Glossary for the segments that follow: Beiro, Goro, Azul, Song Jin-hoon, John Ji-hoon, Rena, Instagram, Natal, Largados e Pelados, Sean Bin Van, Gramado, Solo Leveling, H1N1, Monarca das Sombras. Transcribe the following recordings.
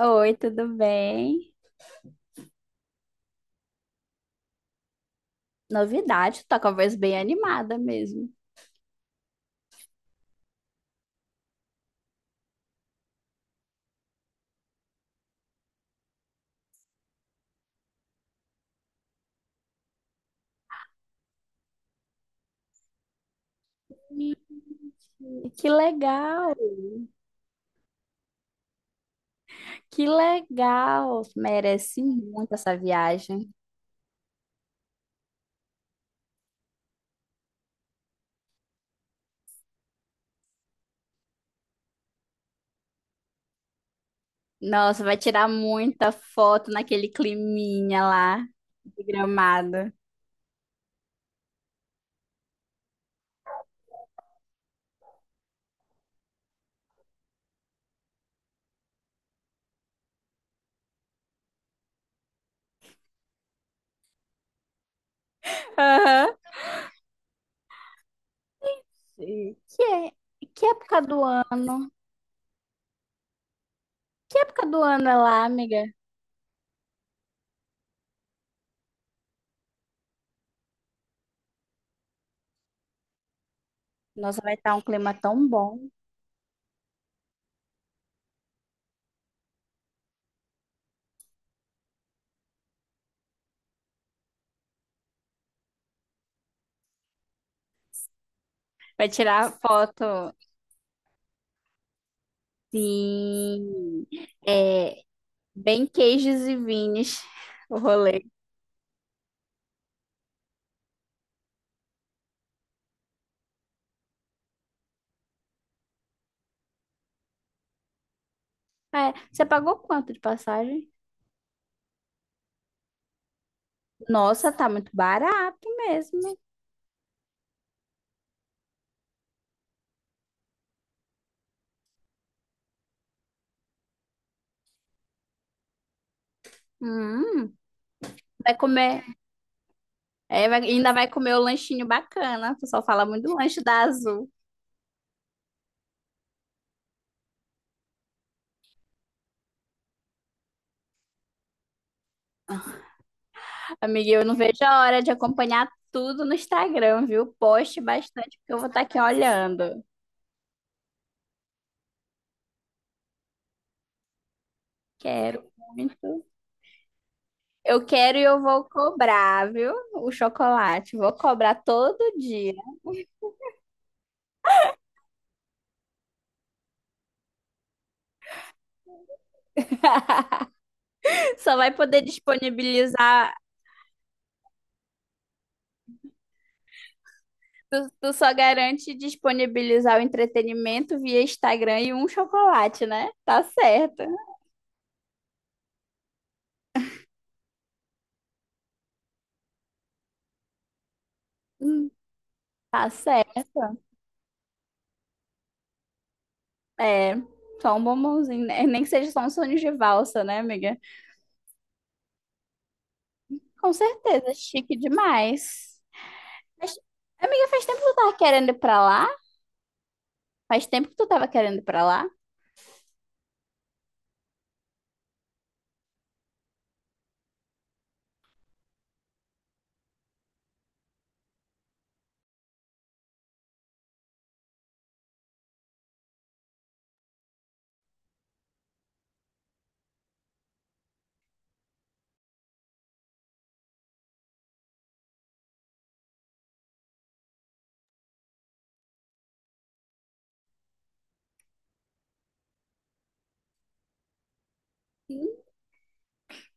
Oi, tudo bem? Novidade, tá com a voz bem animada mesmo. Ih, que legal, que legal. Merece muito essa viagem. Nossa, vai tirar muita foto naquele climinha lá de Gramado. Aham. E Que, é- que época do ano? Que época do ano é lá, amiga? Nossa, vai estar um clima tão bom. Vai tirar foto. Sim. É, bem queijos e vines o rolê. É, você pagou quanto de passagem? Nossa, tá muito barato mesmo. Hum, vai comer, é, ainda vai comer o lanchinho bacana. O pessoal fala muito do lanche da Azul. Amiga, eu não vejo a hora de acompanhar tudo no Instagram, viu? Poste bastante, porque eu vou estar aqui olhando. Quero muito. Eu quero e eu vou cobrar, viu? O chocolate. Vou cobrar todo dia. Só vai poder disponibilizar. Tu só garante disponibilizar o entretenimento via Instagram e um chocolate, né? Tá certo. Hum, Tá certo. É, só um bombonzinho, né? Nem que seja só um sonho de valsa, né, amiga? Com certeza, chique demais. Mas, amiga, faz tempo que tu tava querendo ir pra lá? Faz tempo que tu tava querendo ir pra lá? Sim.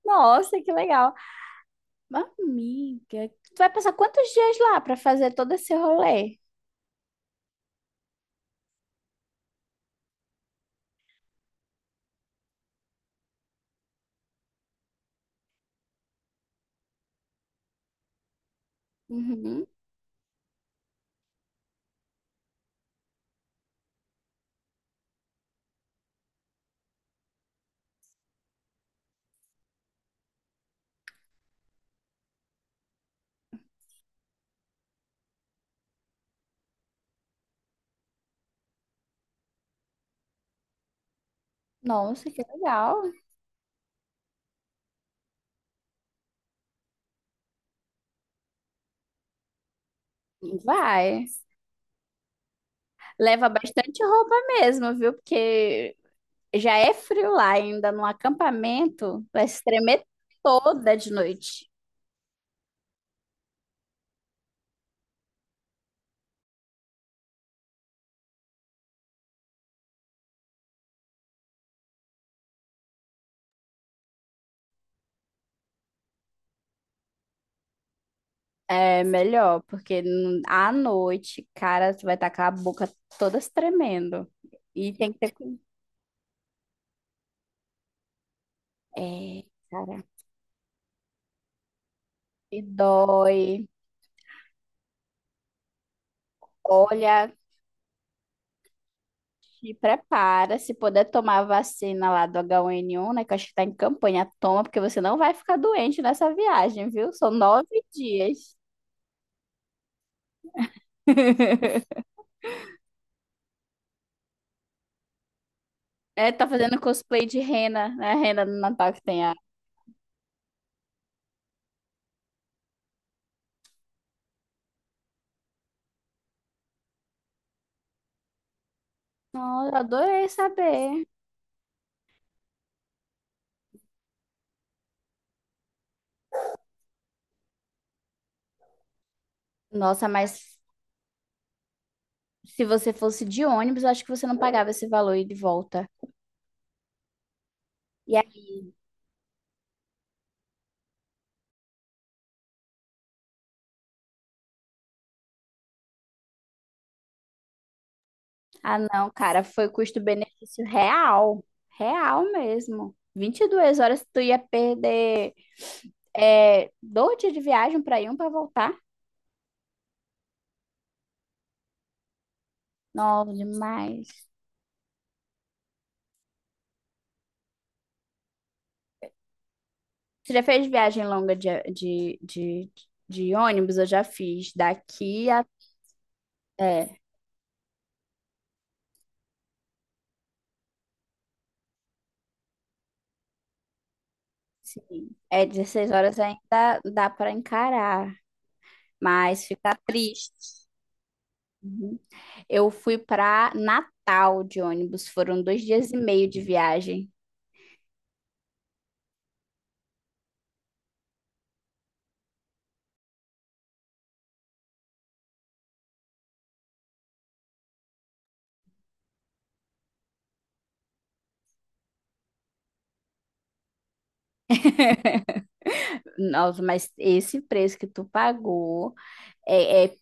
Nossa, que legal. Mas, amiga, tu vai passar quantos dias lá pra fazer todo esse rolê? Uhum. Nossa, que legal. Vai. Leva bastante roupa mesmo, viu? Porque já é frio lá ainda no acampamento, vai se tremer toda de noite. É melhor, porque à noite, cara, tu vai estar com a boca toda se tremendo. E tem que ter cuidado. É, cara, e dói. Olha, te prepara. Se puder tomar a vacina lá do H1N1, né? Que eu acho que tá em campanha, toma, porque você não vai ficar doente nessa viagem, viu? São nove dias. É, tá fazendo cosplay de Rena, né? A Rena no Natal que tem a. Nossa, adorei saber. Nossa, mas se você fosse de ônibus, eu acho que você não pagava esse valor e de volta. E aí- Ah, não, cara, foi custo-benefício real. Real mesmo. 22 horas tu ia perder é, dois dias de viagem pra ir, um pra voltar. Nossa, demais. Você já fez viagem longa de ônibus? Eu já fiz. Daqui a. É. Sim. É, 16 horas ainda dá para encarar, mas fica triste. Uhum. Eu fui para Natal de ônibus, foram dois dias e meio de viagem. Nossa, mas esse preço que tu pagou é,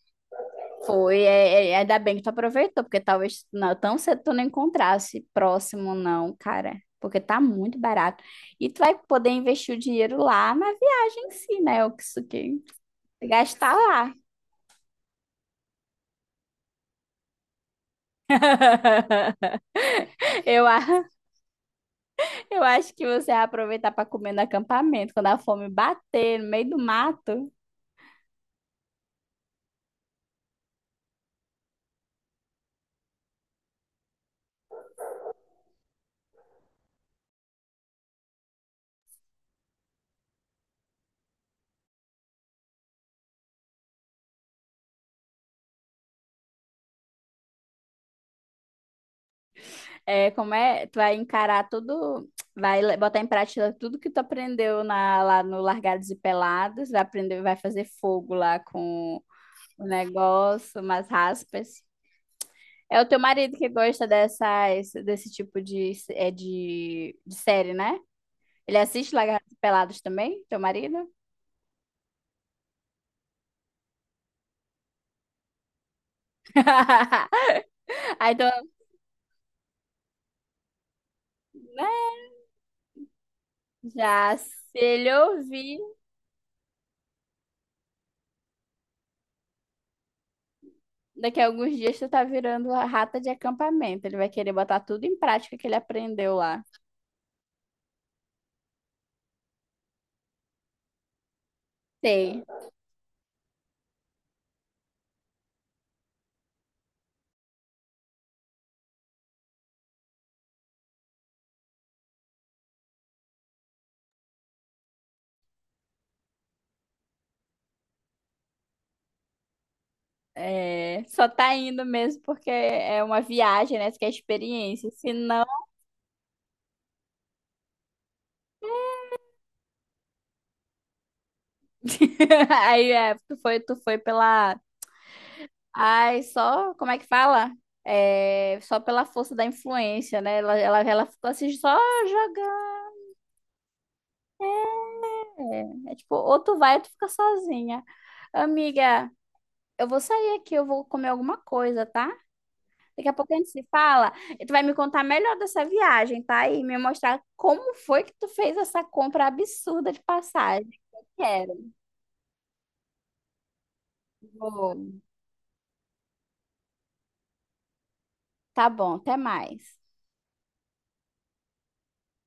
foi. É, ainda bem que tu aproveitou, porque talvez não, tão cedo tu não encontrasse próximo, não, cara. Porque tá muito barato. E tu vai poder investir o dinheiro lá na viagem em si, né? O que isso que gastar lá. Eu, a- Eu acho que você vai aproveitar para comer no acampamento, quando a fome bater no meio do mato, é, como é, tu vai encarar tudo, botar em prática tudo que tu aprendeu lá no Largados e Pelados, vai aprender, vai fazer fogo lá com o negócio, umas raspas. É o teu marido que gosta dessas, desse tipo de, é, de série, né? Ele assiste Largados e Pelados também, teu marido? Ah, então, né? Já, se ele ouvir. Daqui a alguns dias tu tá virando a rata de acampamento. Ele vai querer botar tudo em prática que ele aprendeu lá. Sei. É, só tá indo mesmo porque é uma viagem, né? Isso que é experiência. Se não, aí é, tu foi pela. Ai, só. Como é que fala? É, só pela força da influência, né? Ela ficou assim, só jogando. É, é tipo, ou tu vai ou tu fica sozinha. Amiga, eu vou sair aqui, eu vou comer alguma coisa, tá? Daqui a pouco a gente se fala e tu vai me contar melhor dessa viagem, tá? E me mostrar como foi que tu fez essa compra absurda de passagem. Eu quero. Vou. Tá bom, até mais.